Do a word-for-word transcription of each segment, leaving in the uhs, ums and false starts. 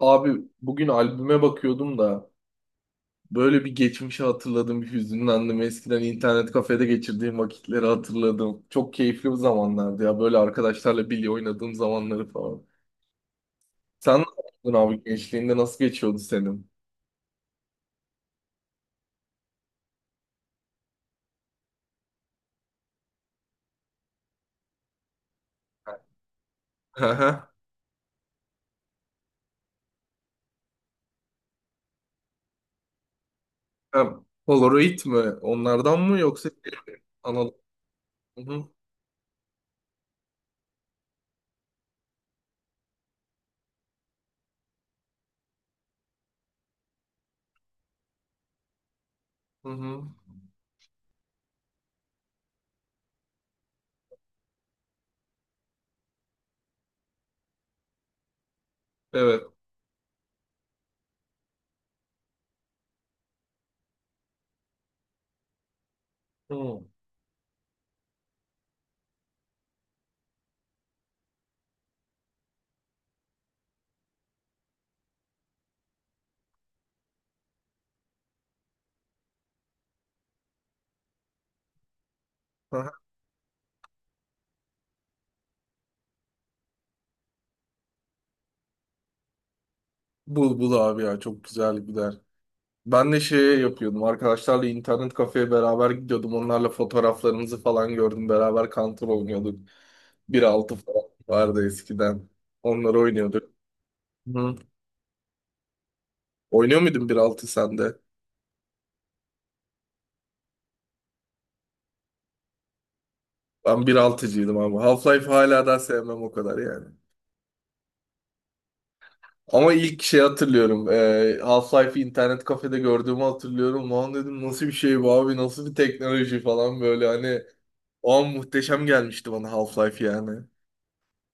Abi bugün albüme bakıyordum da böyle bir geçmişi hatırladım, bir hüzünlendim. Eskiden internet kafede geçirdiğim vakitleri hatırladım. Çok keyifli bir zamanlardı ya böyle arkadaşlarla bilye oynadığım zamanları falan. Sen ne yaptın abi, gençliğinde nasıl geçiyordu senin? Hı hı. Ha, Polaroid mi? Onlardan mı yoksa analog? Hı hı. Hı hı. Evet. Hı. Hı hı. Bul bul abi ya, çok güzel gider. Ben de şey yapıyordum. Arkadaşlarla internet kafeye beraber gidiyordum. Onlarla fotoğraflarımızı falan gördüm. Beraber Counter oynuyorduk. bir nokta altı falan vardı eskiden. Onları oynuyorduk. Hı. Oynuyor muydun bir nokta altı sen de? Ben bir altıcıydım ama. Half-Life hala daha sevmem o kadar yani. Ama ilk şey hatırlıyorum. Ee, Half-Life'i internet kafede gördüğümü hatırlıyorum. Lan dedim, nasıl bir şey bu abi? Nasıl bir teknoloji falan böyle hani. O an muhteşem gelmişti bana Half-Life yani.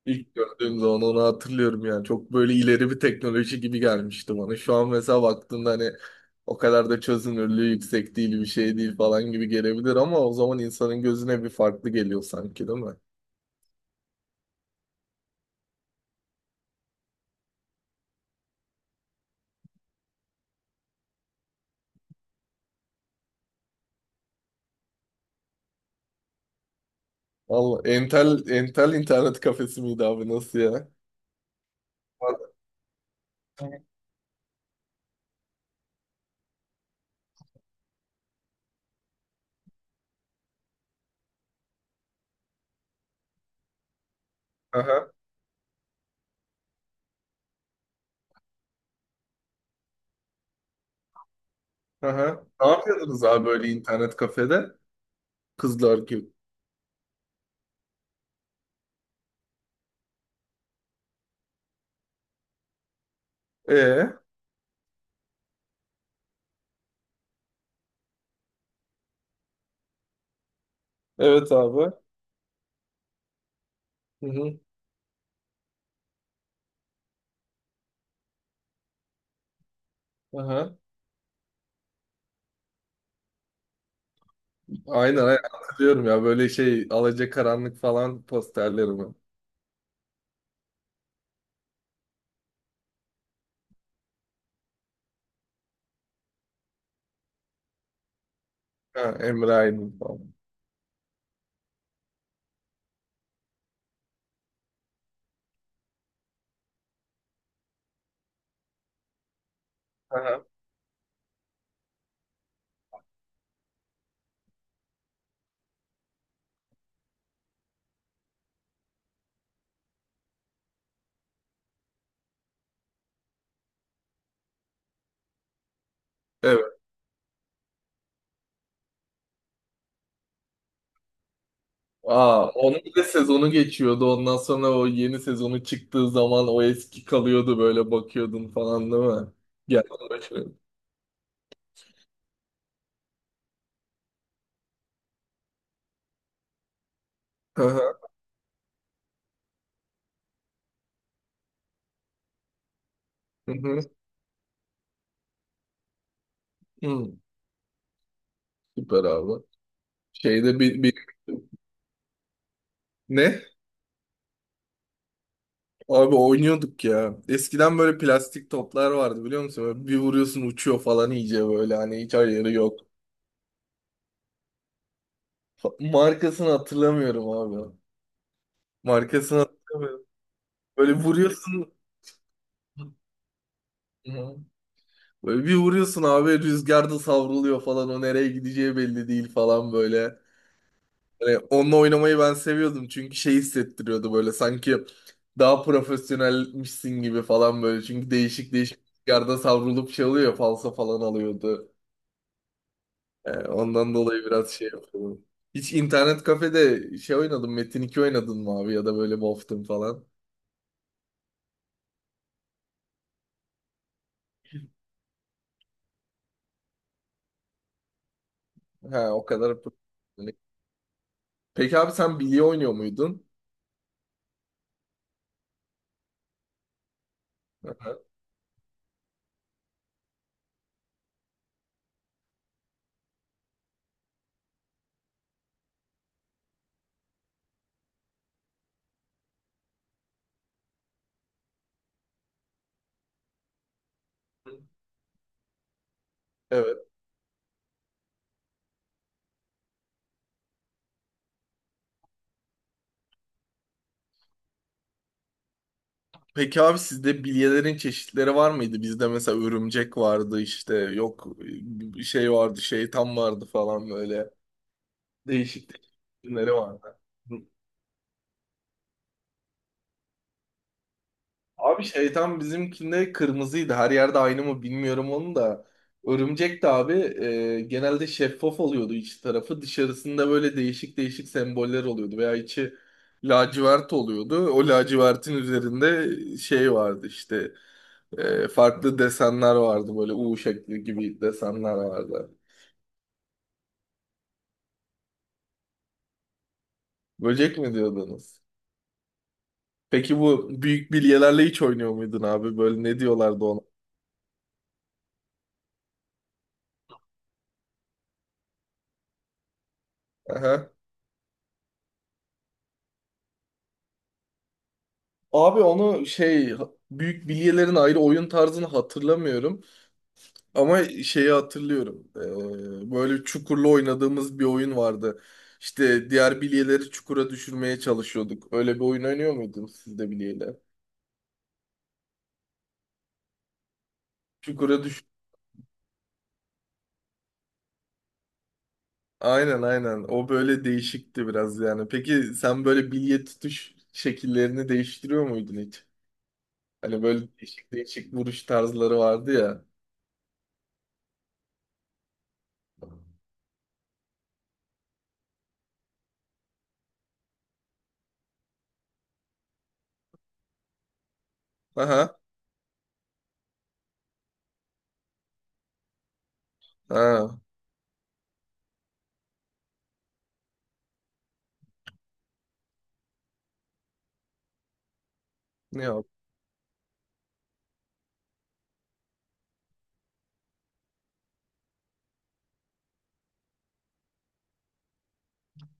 İlk gördüğüm zaman onu hatırlıyorum yani. Çok böyle ileri bir teknoloji gibi gelmişti bana. Şu an mesela baktığında hani o kadar da çözünürlüğü yüksek değil, bir şey değil falan gibi gelebilir ama o zaman insanın gözüne bir farklı geliyor sanki, değil mi? Valla Entel, Entel internet kafesi miydi abi, nasıl ya? Aha, aha. Ne yapıyordunuz abi böyle internet kafede? Kızlar gibi. Ee, evet abi. Hı hı. Aha. Aynen aynen hatırlıyorum ya, böyle şey Alacakaranlık falan posterleri mi? Ha, Emre Aydın falan. Aha. Evet. Aa, onun bir de sezonu geçiyordu. Ondan sonra o yeni sezonu çıktığı zaman o eski kalıyordu, böyle bakıyordun falan değil mi? Gel başlıyor. Aha. Hı hı. Hı. Süper abi. Şeyde bir, bir ne? Abi oynuyorduk ya. Eskiden böyle plastik toplar vardı biliyor musun? Böyle bir vuruyorsun uçuyor falan, iyice böyle hani hiç ayarı yok. Fa- Markasını hatırlamıyorum abi. Markasını hatırlamıyorum. Böyle vuruyorsun. Hı. Böyle bir vuruyorsun abi, rüzgarda savruluyor falan, o nereye gideceği belli değil falan böyle. Hani onunla oynamayı ben seviyordum çünkü şey hissettiriyordu, böyle sanki daha profesyonelmişsin gibi falan böyle. Çünkü değişik değişik rüzgarda savrulup şey oluyor, falsa falan alıyordu. Ee, ondan dolayı biraz şey yapıyordum. Hiç internet kafede şey oynadım, Metin iki oynadın mı abi, ya da böyle Wolf'tun falan. Ha, o kadar. Peki abi, sen bilye oynuyor muydun? Evet. Peki abi, sizde bilyelerin çeşitleri var mıydı? Bizde mesela örümcek vardı, işte yok bir şey vardı, şeytan vardı falan, böyle değişik değişik isimleri vardı. Hı. Abi şeytan bizimkinde kırmızıydı. Her yerde aynı mı bilmiyorum onu da. Örümcek de abi e, genelde şeffaf oluyordu iç tarafı. Dışarısında böyle değişik değişik semboller oluyordu veya içi lacivert oluyordu. O lacivertin üzerinde şey vardı işte. E, farklı desenler vardı, böyle U şekli gibi desenler vardı. Böcek mi diyordunuz? Peki bu büyük bilyelerle hiç oynuyor muydun abi? Böyle ne diyorlardı ona? Aha. Abi onu şey, büyük bilyelerin ayrı oyun tarzını hatırlamıyorum ama şeyi hatırlıyorum. E, böyle çukurlu oynadığımız bir oyun vardı. İşte diğer bilyeleri çukura düşürmeye çalışıyorduk. Öyle bir oyun oynuyor muydunuz siz de bilyeyle? Çukura aynen aynen. O böyle değişikti biraz yani. Peki sen böyle bilye tutuş şekillerini değiştiriyor muydun hiç? Hani böyle değişik değişik vuruş tarzları vardı ya. Aha. Ha. Ne yap?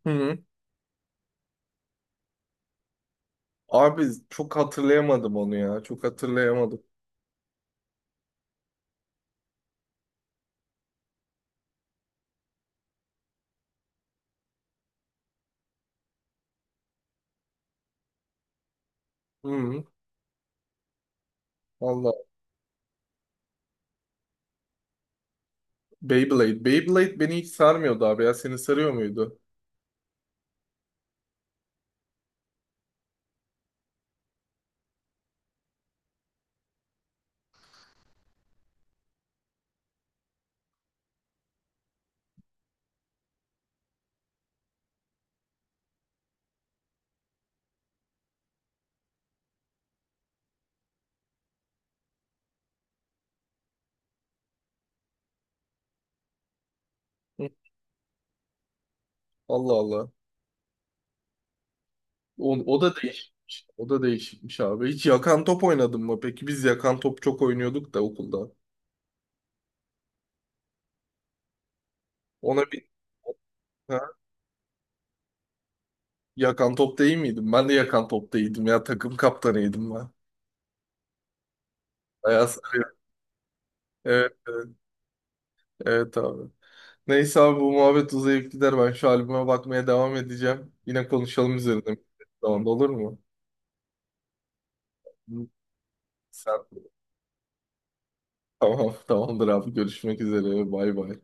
Hı hı. Abi çok hatırlayamadım onu ya. Çok hatırlayamadım. Hı hı. Allah. Beyblade. Beyblade beni hiç sarmıyordu abi ya. Seni sarıyor muydu? Hı. Allah Allah. O, o da değişikmiş. O da değişikmiş abi. Hiç yakan top oynadın mı? Peki biz yakan top çok oynuyorduk da okulda. Ona bir... Ha. Yakan topta iyi miydim? Ben de yakan topta iyiydim ya. Takım kaptanıydım ben. Bayağı sarıyor. Evet, evet, evet abi. Neyse abi, bu muhabbet uzayıp gider. Ben şu albüme bakmaya devam edeceğim. Yine konuşalım üzerine. Tamam olur mu? Sen tamam tamamdır abi. Görüşmek üzere. Bay bay.